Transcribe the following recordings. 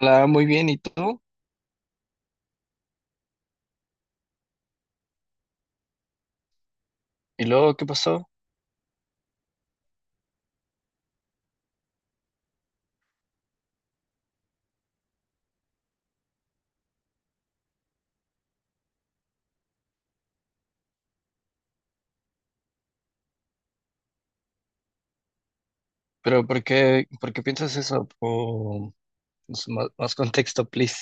Hola, muy bien, ¿y tú? ¿Y luego qué pasó? ¿Pero por qué piensas eso? O, pues, más contexto, please.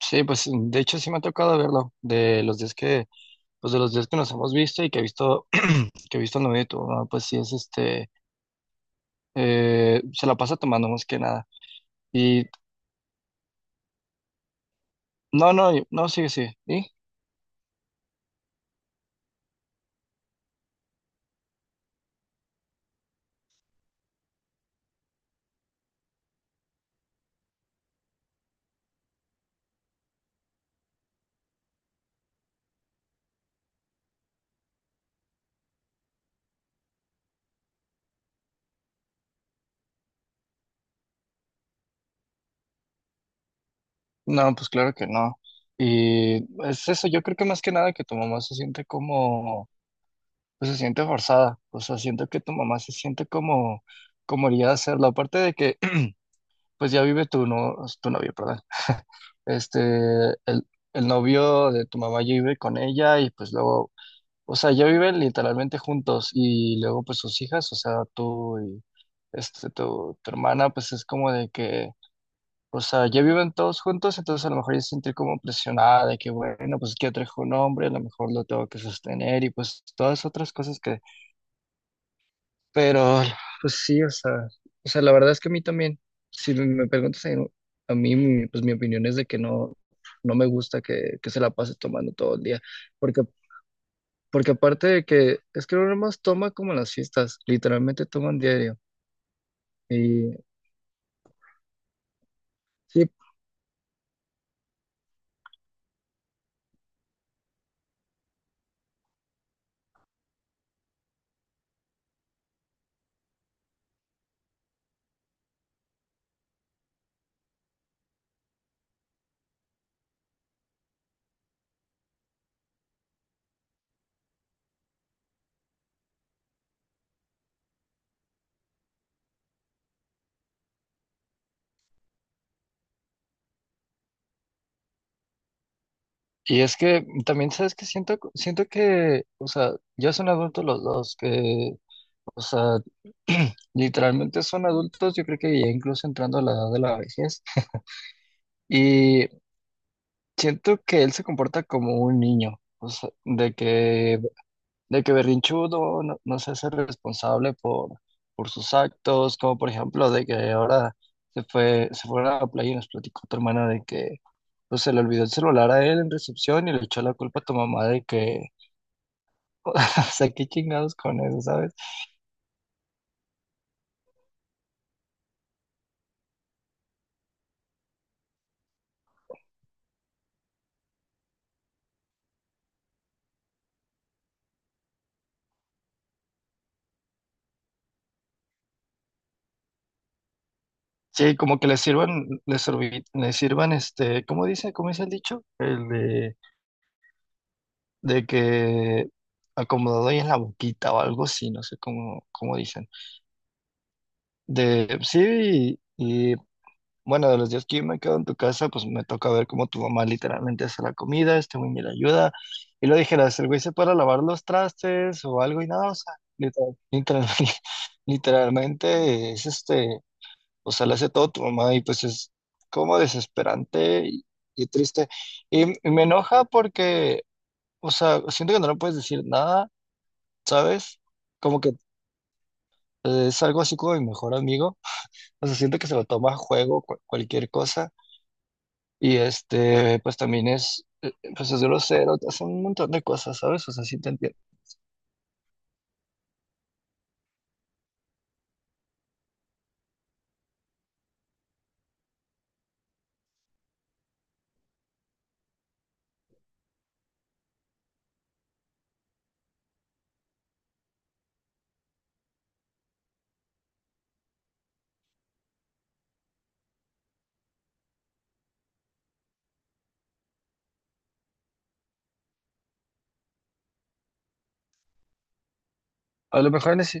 Sí, pues de hecho sí me ha tocado verlo, de los días que, pues de los días que nos hemos visto y que he visto, que he visto el novio de tu mamá, pues sí es se la pasa tomando más que nada. Y no, sigue, sí. ¿Y? No, pues claro que no. Y es eso, yo creo que más que nada que tu mamá se siente como, pues se siente forzada. O sea, siento que tu mamá se siente como, como haría hacerlo. Aparte de que, pues ya vive tu, no, tu novio, perdón. Este, el, el novio de tu mamá ya vive con ella y pues luego, o sea, ya viven literalmente juntos y luego pues sus hijas, o sea, tú y tu hermana, pues es como de que, o sea, ya viven todos juntos. Entonces a lo mejor ella se siente como presionada de que, bueno, pues que trajo un hombre, a lo mejor lo tengo que sostener y pues todas otras cosas. Pero, pues sí, o sea, la verdad es que a mí también, si me preguntas a mí, mi- pues mi opinión es de que no, no me gusta que se la pase tomando todo el día, porque, porque aparte de que, es que no más toma como en las fiestas, literalmente toman diario, y sí, y es que también, ¿sabes que Siento, siento que, o sea, ya son adultos los dos, que, o sea, literalmente son adultos, yo creo que ya incluso entrando a la edad de la vejez. Siento que él se comporta como un niño, o sea, de que berrinchudo, no, no se hace responsable por sus actos, como por ejemplo de que ahora se fue, se fueron a la playa y nos platicó tu hermana de que pues, se le olvidó el celular a él en recepción y le echó la culpa a tu mamá de que, o sea, qué chingados con eso, ¿sabes? Sí, como que le sirvan, le sirvi- le sirvan. ¿Cómo dice? ¿Cómo dice el dicho? El de que acomodado ahí en la boquita o algo así, no sé cómo, cómo dicen. De sí, y, bueno, de los días que yo me quedo en tu casa, pues me toca ver cómo tu mamá literalmente hace la comida, este güey ni le ayuda. Y lo dijeras, el güey se para a lavar los trastes o algo y nada, o sea, literalmente es o sea, le hace todo tu mamá y pues es como desesperante y triste. Y me enoja porque, o sea, siento que no le puedes decir nada, ¿sabes? Como que es algo así como mi mejor amigo. O sea, siento que se lo toma a juego cu- cualquier cosa. Y pues también es pues es grosero, hace un montón de cosas, ¿sabes? O sea, sí te entiendo. A lo mejor ni, si-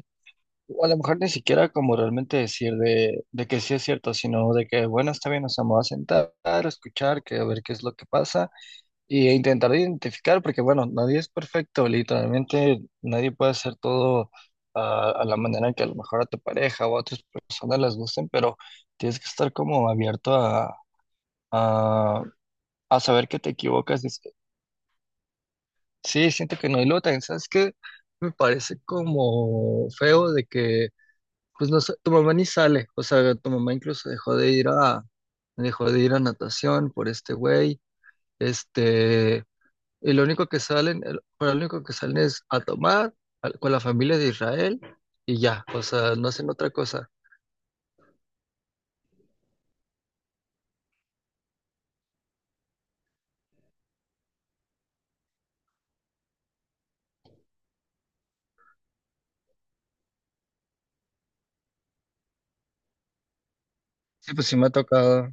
a lo mejor ni siquiera como realmente decir de que sí es cierto, sino de que, bueno, está bien, nos vamos a sentar, a escuchar, que a ver qué es lo que pasa. Y intentar identificar, porque bueno, nadie es perfecto, literalmente nadie puede hacer todo a la manera que a lo mejor a tu pareja o a otras personas les gusten, pero tienes que estar como abierto a, a saber que te equivocas. Dices, sí, siento que no, y luego también, ¿sabes qué? Me parece como feo de que, pues no sé, tu mamá ni sale, o sea, tu mamá incluso dejó de ir a natación por este güey, este... Y lo único que salen, el- para lo único que salen es a tomar al- con la familia de Israel y ya, o sea, no hacen otra cosa. Sí, pues sí me ha tocado,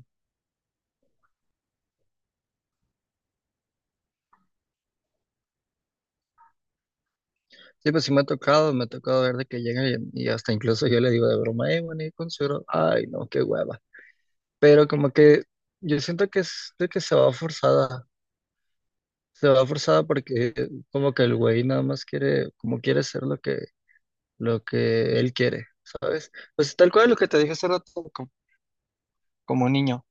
sí, pues sí me ha tocado ver de que llegan y hasta incluso yo le digo de broma, bueno, y con suero, ay, no, qué hueva. Pero como que yo siento que es de que se va forzada porque como que el güey nada más quiere, como quiere hacer lo que él quiere, ¿sabes? Pues tal cual lo que te dije hace rato, co- como niño.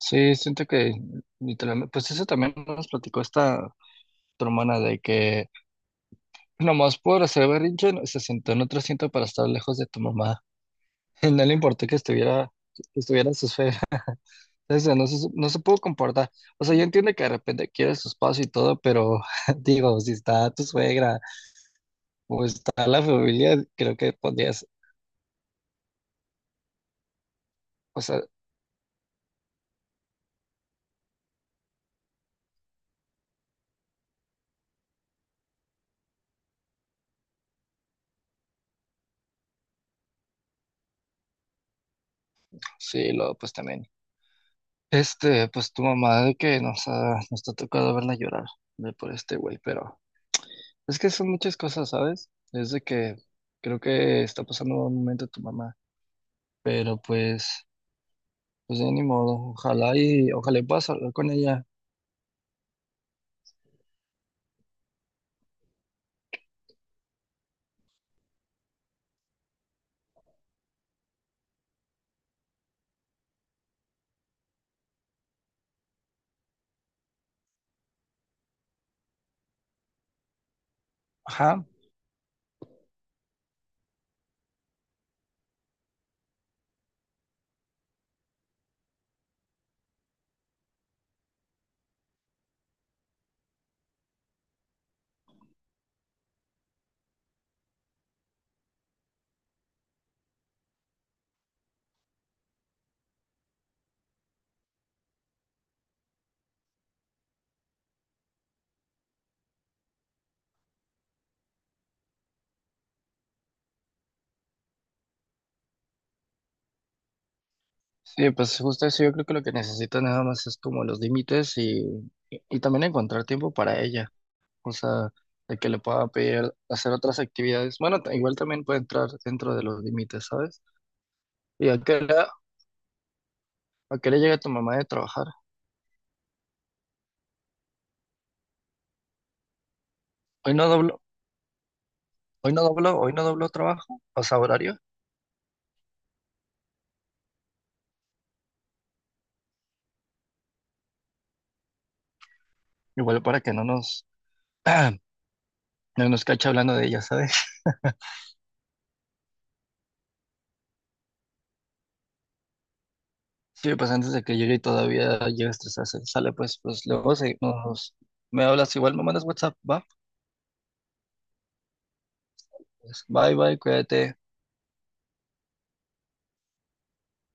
Sí, siento que literalmente, pues eso también nos platicó esta tu hermana de que nomás por hacer berrinche no- se sentó en otro asiento para estar lejos de tu mamá. No le importó que estuviera en su esfera. Entonces, no se pudo comportar. O sea, yo entiendo que de repente quiere su espacio y todo, pero digo, si está tu suegra o está la familia, creo que podrías, o sea, sí, luego pues también. Pues tu mamá de que nos ha tocado verla llorar de por este güey, pero. Es que son muchas cosas, ¿sabes? Es de que creo que está pasando un momento tu mamá, pero pues, pues ya ni modo, ojalá y ojalá y puedas hablar con ella. Ajá. Sí, pues justo eso, yo creo que lo que necesito nada más es como los límites y también encontrar tiempo para ella, o sea, de que le pueda pedir hacer otras actividades. Bueno, ta- igual también puede entrar dentro de los límites, ¿sabes? ¿Y a qué hora llega tu mamá de trabajar? Hoy no doblo, hoy no doblo trabajo, o sea, horario. Igual para que no nos, no nos cache hablando de ella, ¿sabes? Sí, pues antes de que llegue y todavía llegue a estresarse. Sale, pues, pues luego seguimos. Me hablas igual, me mandas WhatsApp, va. Pues, bye, bye, cuídate.